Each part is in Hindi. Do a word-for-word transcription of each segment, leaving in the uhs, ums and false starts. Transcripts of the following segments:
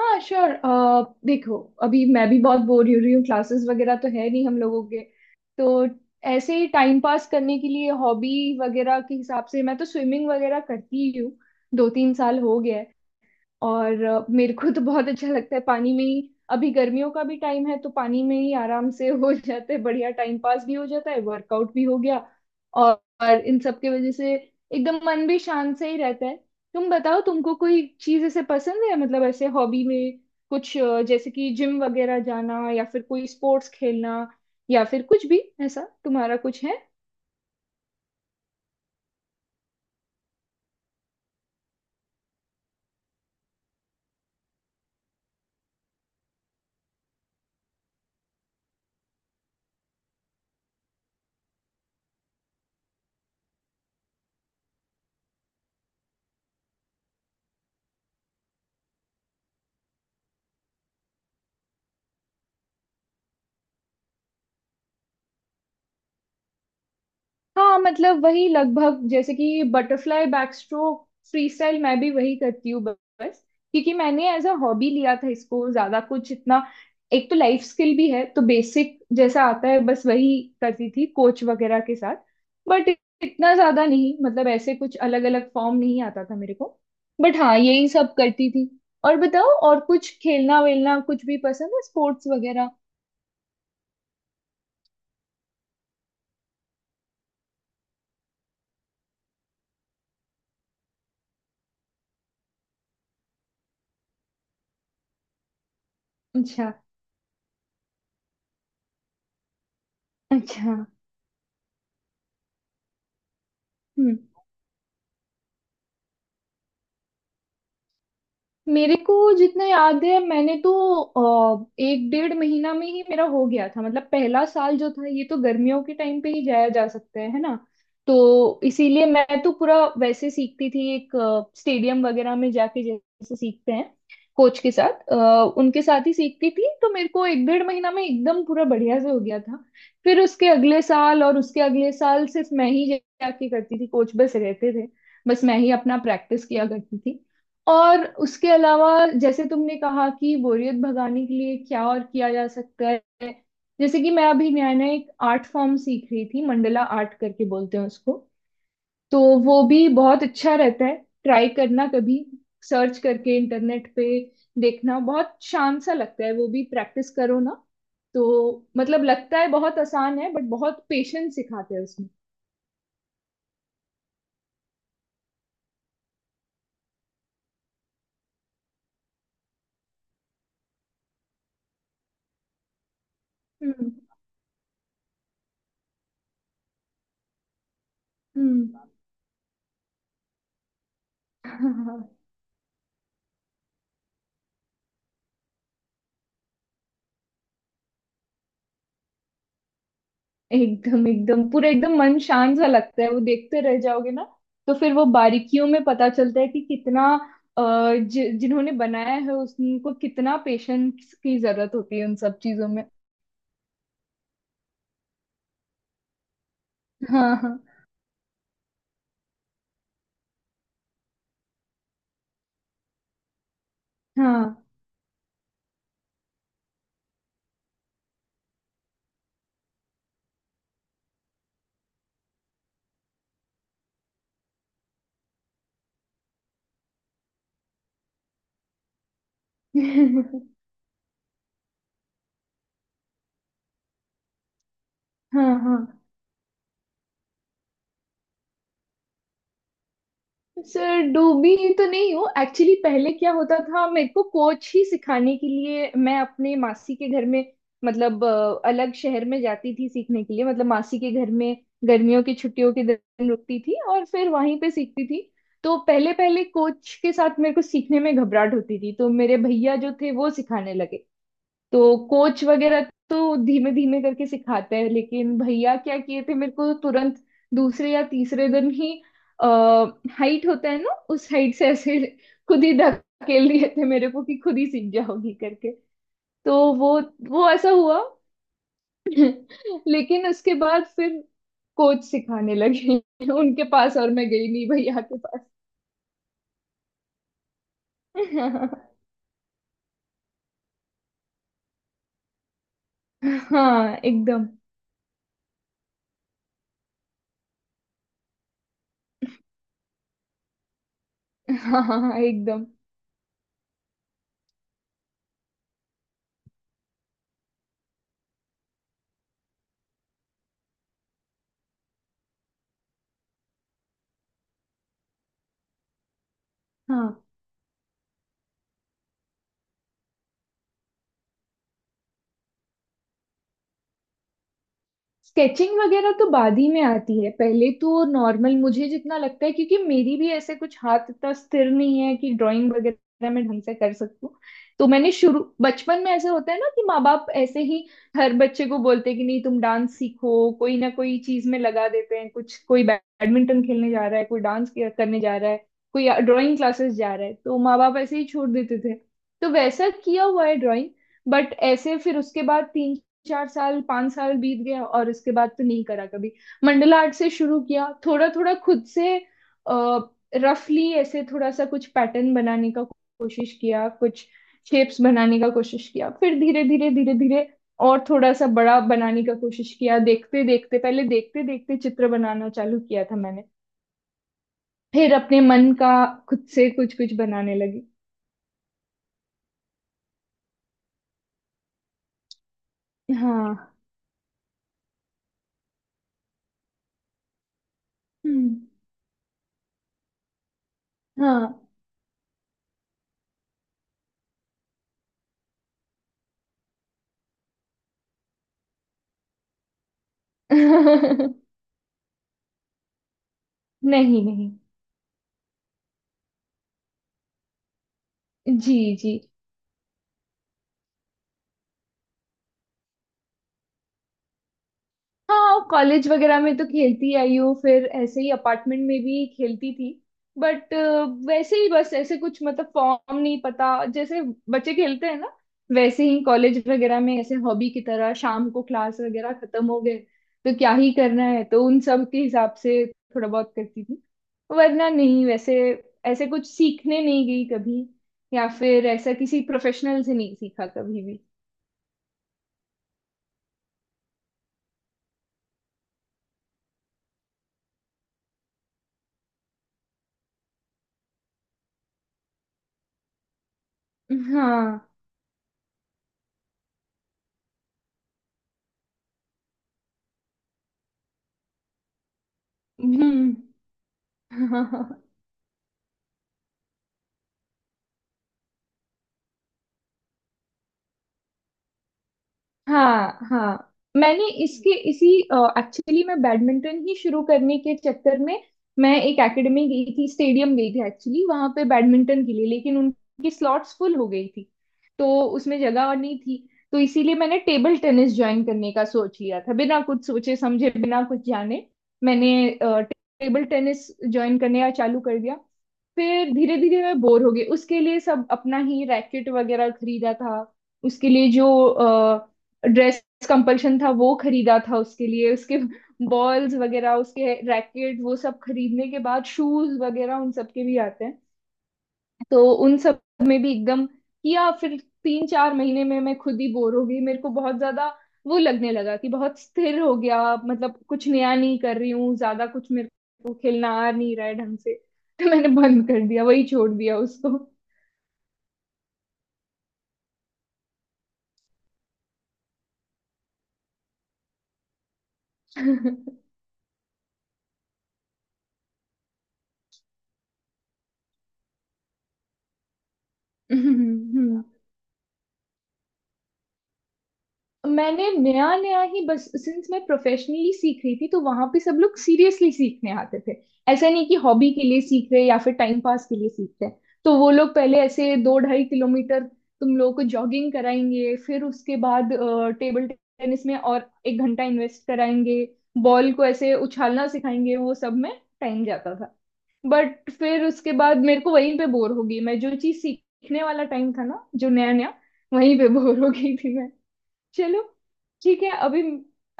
हाँ श्योर। देखो, अभी मैं भी बहुत बोर हो रही हूँ, क्लासेस वगैरह तो है नहीं हम लोगों के। तो ऐसे ही टाइम पास करने के लिए हॉबी वगैरह के हिसाब से मैं तो स्विमिंग वगैरह करती ही हूँ। दो तीन साल हो गया है। और अ, मेरे को तो बहुत अच्छा लगता है, पानी में ही अभी गर्मियों का भी टाइम है, तो पानी में ही आराम से हो जाता है, बढ़िया टाइम पास भी हो जाता है, वर्कआउट भी हो गया। और, और इन सब की वजह से एकदम मन भी शांत से ही रहता है। तुम बताओ, तुमको कोई चीज ऐसे पसंद है, मतलब ऐसे हॉबी में कुछ अ, जैसे कि जिम वगैरह जाना, या फिर कोई स्पोर्ट्स खेलना, या फिर कुछ भी, ऐसा तुम्हारा कुछ है? हाँ मतलब वही लगभग, जैसे कि butterfly backstroke freestyle मैं भी वही करती हूँ ब- बस। क्योंकि मैंने एज अ हॉबी लिया था इसको, ज्यादा कुछ इतना, एक तो लाइफ स्किल भी है, तो बेसिक जैसा आता है बस वही करती थी कोच वगैरह के साथ। बट इतना ज्यादा नहीं, मतलब ऐसे कुछ अलग अलग फॉर्म नहीं आता था मेरे को। बट हाँ, यही सब करती थी। और बताओ, और कुछ खेलना वेलना कुछ भी पसंद है, स्पोर्ट्स वगैरह? अच्छा। अच्छा। हम्म। मेरे को जितना याद है, मैंने तो अ, एक डेढ़ महीना में ही मेरा हो गया था। मतलब पहला साल जो था ये तो गर्मियों के टाइम पे ही जाया जा सकता है है ना। तो इसीलिए मैं तो पूरा वैसे सीखती थी, एक स्टेडियम वगैरह में जाके जैसे सीखते हैं कोच के साथ, अ, उनके साथ ही सीखती थी, तो मेरे को एक डेढ़ महीना में एकदम पूरा बढ़िया से हो गया था। फिर उसके अगले साल और उसके अगले साल सिर्फ मैं ही जाके करती थी, कोच बस रहते थे, बस मैं ही अपना प्रैक्टिस किया करती थी। और उसके अलावा, जैसे तुमने कहा कि बोरियत भगाने के लिए क्या और किया जा सकता है, जैसे कि मैं अभी नया नया एक आर्ट फॉर्म सीख रही थी, मंडला आर्ट करके बोलते हैं उसको। तो वो भी बहुत अच्छा रहता है, ट्राई करना कभी, सर्च करके इंटरनेट पे देखना, बहुत शान सा लगता है, वो भी प्रैक्टिस करो ना। तो मतलब लगता है बहुत आसान है, बट बहुत पेशेंस सिखाते हैं उसमें। हम्म। हम्म। एकदम एकदम पूरा, एकदम मन शांत सा लगता है, वो देखते रह जाओगे ना। तो फिर वो बारीकियों में पता चलता है कि कितना अ, जि, जिन्होंने बनाया है उसको कितना पेशेंस की जरूरत होती है उन सब चीजों में। हाँ, हाँ, हाँ। हाँ, हाँ। सर डूबी तो नहीं हूँ एक्चुअली। पहले क्या होता था मेरे को, कोच ही सिखाने के लिए मैं अपने मासी के घर में, मतलब अ, अलग शहर में जाती थी सीखने के लिए, मतलब मासी के घर में गर्मियों की छुट्टियों के दिन रुकती थी और फिर वहीं पे सीखती थी। तो पहले पहले कोच के साथ मेरे को सीखने में घबराहट होती थी, तो मेरे भैया जो थे वो सिखाने लगे। तो कोच वगैरह तो धीमे धीमे करके सिखाते हैं, लेकिन भैया क्या किए थे, मेरे को तुरंत दूसरे या तीसरे दिन ही, हाइट होता है ना, उस हाइट से ऐसे खुद ही धकेल दिए थे मेरे को कि खुद ही सीख जाओगी करके। तो वो वो ऐसा हुआ। लेकिन उसके बाद फिर कोच सिखाने लगे, उनके पास, और मैं गई नहीं भैया के पास। हाँ एकदम। हाँ, हाँ, हाँ, एकदम। हाँ स्केचिंग वगैरह तो बाद ही में आती है, पहले तो नॉर्मल मुझे जितना लगता है, क्योंकि मेरी भी ऐसे कुछ हाथ इतना स्थिर नहीं है कि ड्राइंग वगैरह मैं ढंग से कर सकूं। तो मैंने शुरू, बचपन में ऐसा होता है ना कि माँ बाप ऐसे ही हर बच्चे को बोलते हैं कि नहीं तुम डांस सीखो, कोई ना कोई चीज में लगा देते हैं कुछ, कोई बैडमिंटन खेलने जा रहा है, कोई डांस करने जा रहा है, कोई ड्राइंग क्लासेस जा रहा है, तो माँ बाप ऐसे ही छोड़ देते थे, तो वैसा किया हुआ है ड्राइंग। बट ऐसे फिर उसके बाद तीन चार साल पांच साल बीत गया और उसके बाद तो नहीं करा कभी। मंडला आर्ट से शुरू किया थोड़ा थोड़ा खुद से, रफली ऐसे थोड़ा सा कुछ पैटर्न बनाने का कोशिश किया, कुछ शेप्स बनाने का कोशिश किया, फिर धीरे धीरे धीरे धीरे और थोड़ा सा बड़ा बनाने का कोशिश किया, देखते देखते, पहले देखते देखते चित्र बनाना चालू किया था मैंने, फिर अपने मन का खुद से कुछ कुछ बनाने लगी। हाँ। हम्म। हाँ। नहीं। नहीं। जी। जी। हाँ कॉलेज वगैरह में तो खेलती आई हूँ, फिर ऐसे ही अपार्टमेंट में भी खेलती थी। बट वैसे ही बस, ऐसे कुछ मतलब फॉर्म नहीं पता, जैसे बच्चे खेलते हैं ना, वैसे ही कॉलेज वगैरह में ऐसे हॉबी की तरह, शाम को क्लास वगैरह खत्म हो गए, तो क्या ही करना है, तो उन सब के हिसाब से थोड़ा बहुत करती थी। वरना नहीं, वैसे ऐसे कुछ सीखने नहीं गई कभी, या फिर ऐसा किसी प्रोफेशनल से नहीं सीखा कभी भी। हाँ। हम्म। हाँ, हाँ। मैंने इसके इसी, एक्चुअली मैं बैडमिंटन ही शुरू करने के चक्कर में, मैं एक एकेडमी गई थी, स्टेडियम गई थी एक्चुअली, वहां पे बैडमिंटन के लिए, लेकिन उनकी स्लॉट्स फुल हो गई थी। तो उसमें जगह और नहीं थी, तो इसीलिए मैंने टेबल टेनिस ज्वाइन करने का सोच लिया था, बिना कुछ सोचे समझे, बिना कुछ जाने। मैंने अ, टेबल टेनिस ज्वाइन करने का चालू कर दिया। फिर धीरे धीरे मैं बोर हो गई उसके लिए, सब अपना ही रैकेट वगैरह खरीदा था उसके लिए, जो ड्रेस कंपल्शन था वो खरीदा था उसके लिए, उसके बॉल्स वगैरह, उसके रैकेट वो सब खरीदने के बाद शूज वगैरह, उन सब के भी आते हैं, तो उन सब में भी एकदम किया। फिर तीन चार महीने में मैं खुद ही बोर हो गई, मेरे को बहुत ज्यादा वो लगने लगा कि बहुत स्थिर हो गया, मतलब कुछ नया नहीं कर रही हूँ ज्यादा कुछ, मेरे को खेलना आ नहीं रहा है ढंग से, तो मैंने बंद कर दिया, वही छोड़ दिया उसको। मैंने नया नया ही बस, सिंस मैं प्रोफेशनली सीख रही थी तो वहां पे सब लोग सीरियसली सीखने आते थे, ऐसा नहीं कि हॉबी के लिए सीख रहे या फिर टाइम पास के लिए सीख रहे। तो वो लोग पहले ऐसे दो ढाई किलोमीटर तुम लोगों को जॉगिंग कराएंगे, फिर उसके बाद टेबल टेनिस में और एक घंटा इन्वेस्ट कराएंगे, बॉल को ऐसे उछालना सिखाएंगे, वो सब में टाइम जाता था। बट फिर उसके बाद मेरे को वहीं पे बोर हो गई मैं, जो चीज सीखने वाला टाइम था ना जो नया नया, वहीं पे बोर हो गई थी मैं। चलो ठीक है, अभी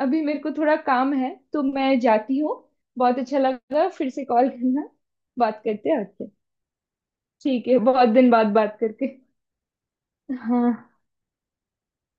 अभी मेरे को थोड़ा काम है तो मैं जाती हूँ। बहुत अच्छा लगा, फिर से कॉल करना, बात करते हैं आके। ठीक है, बहुत दिन बाद बात करके। हाँ।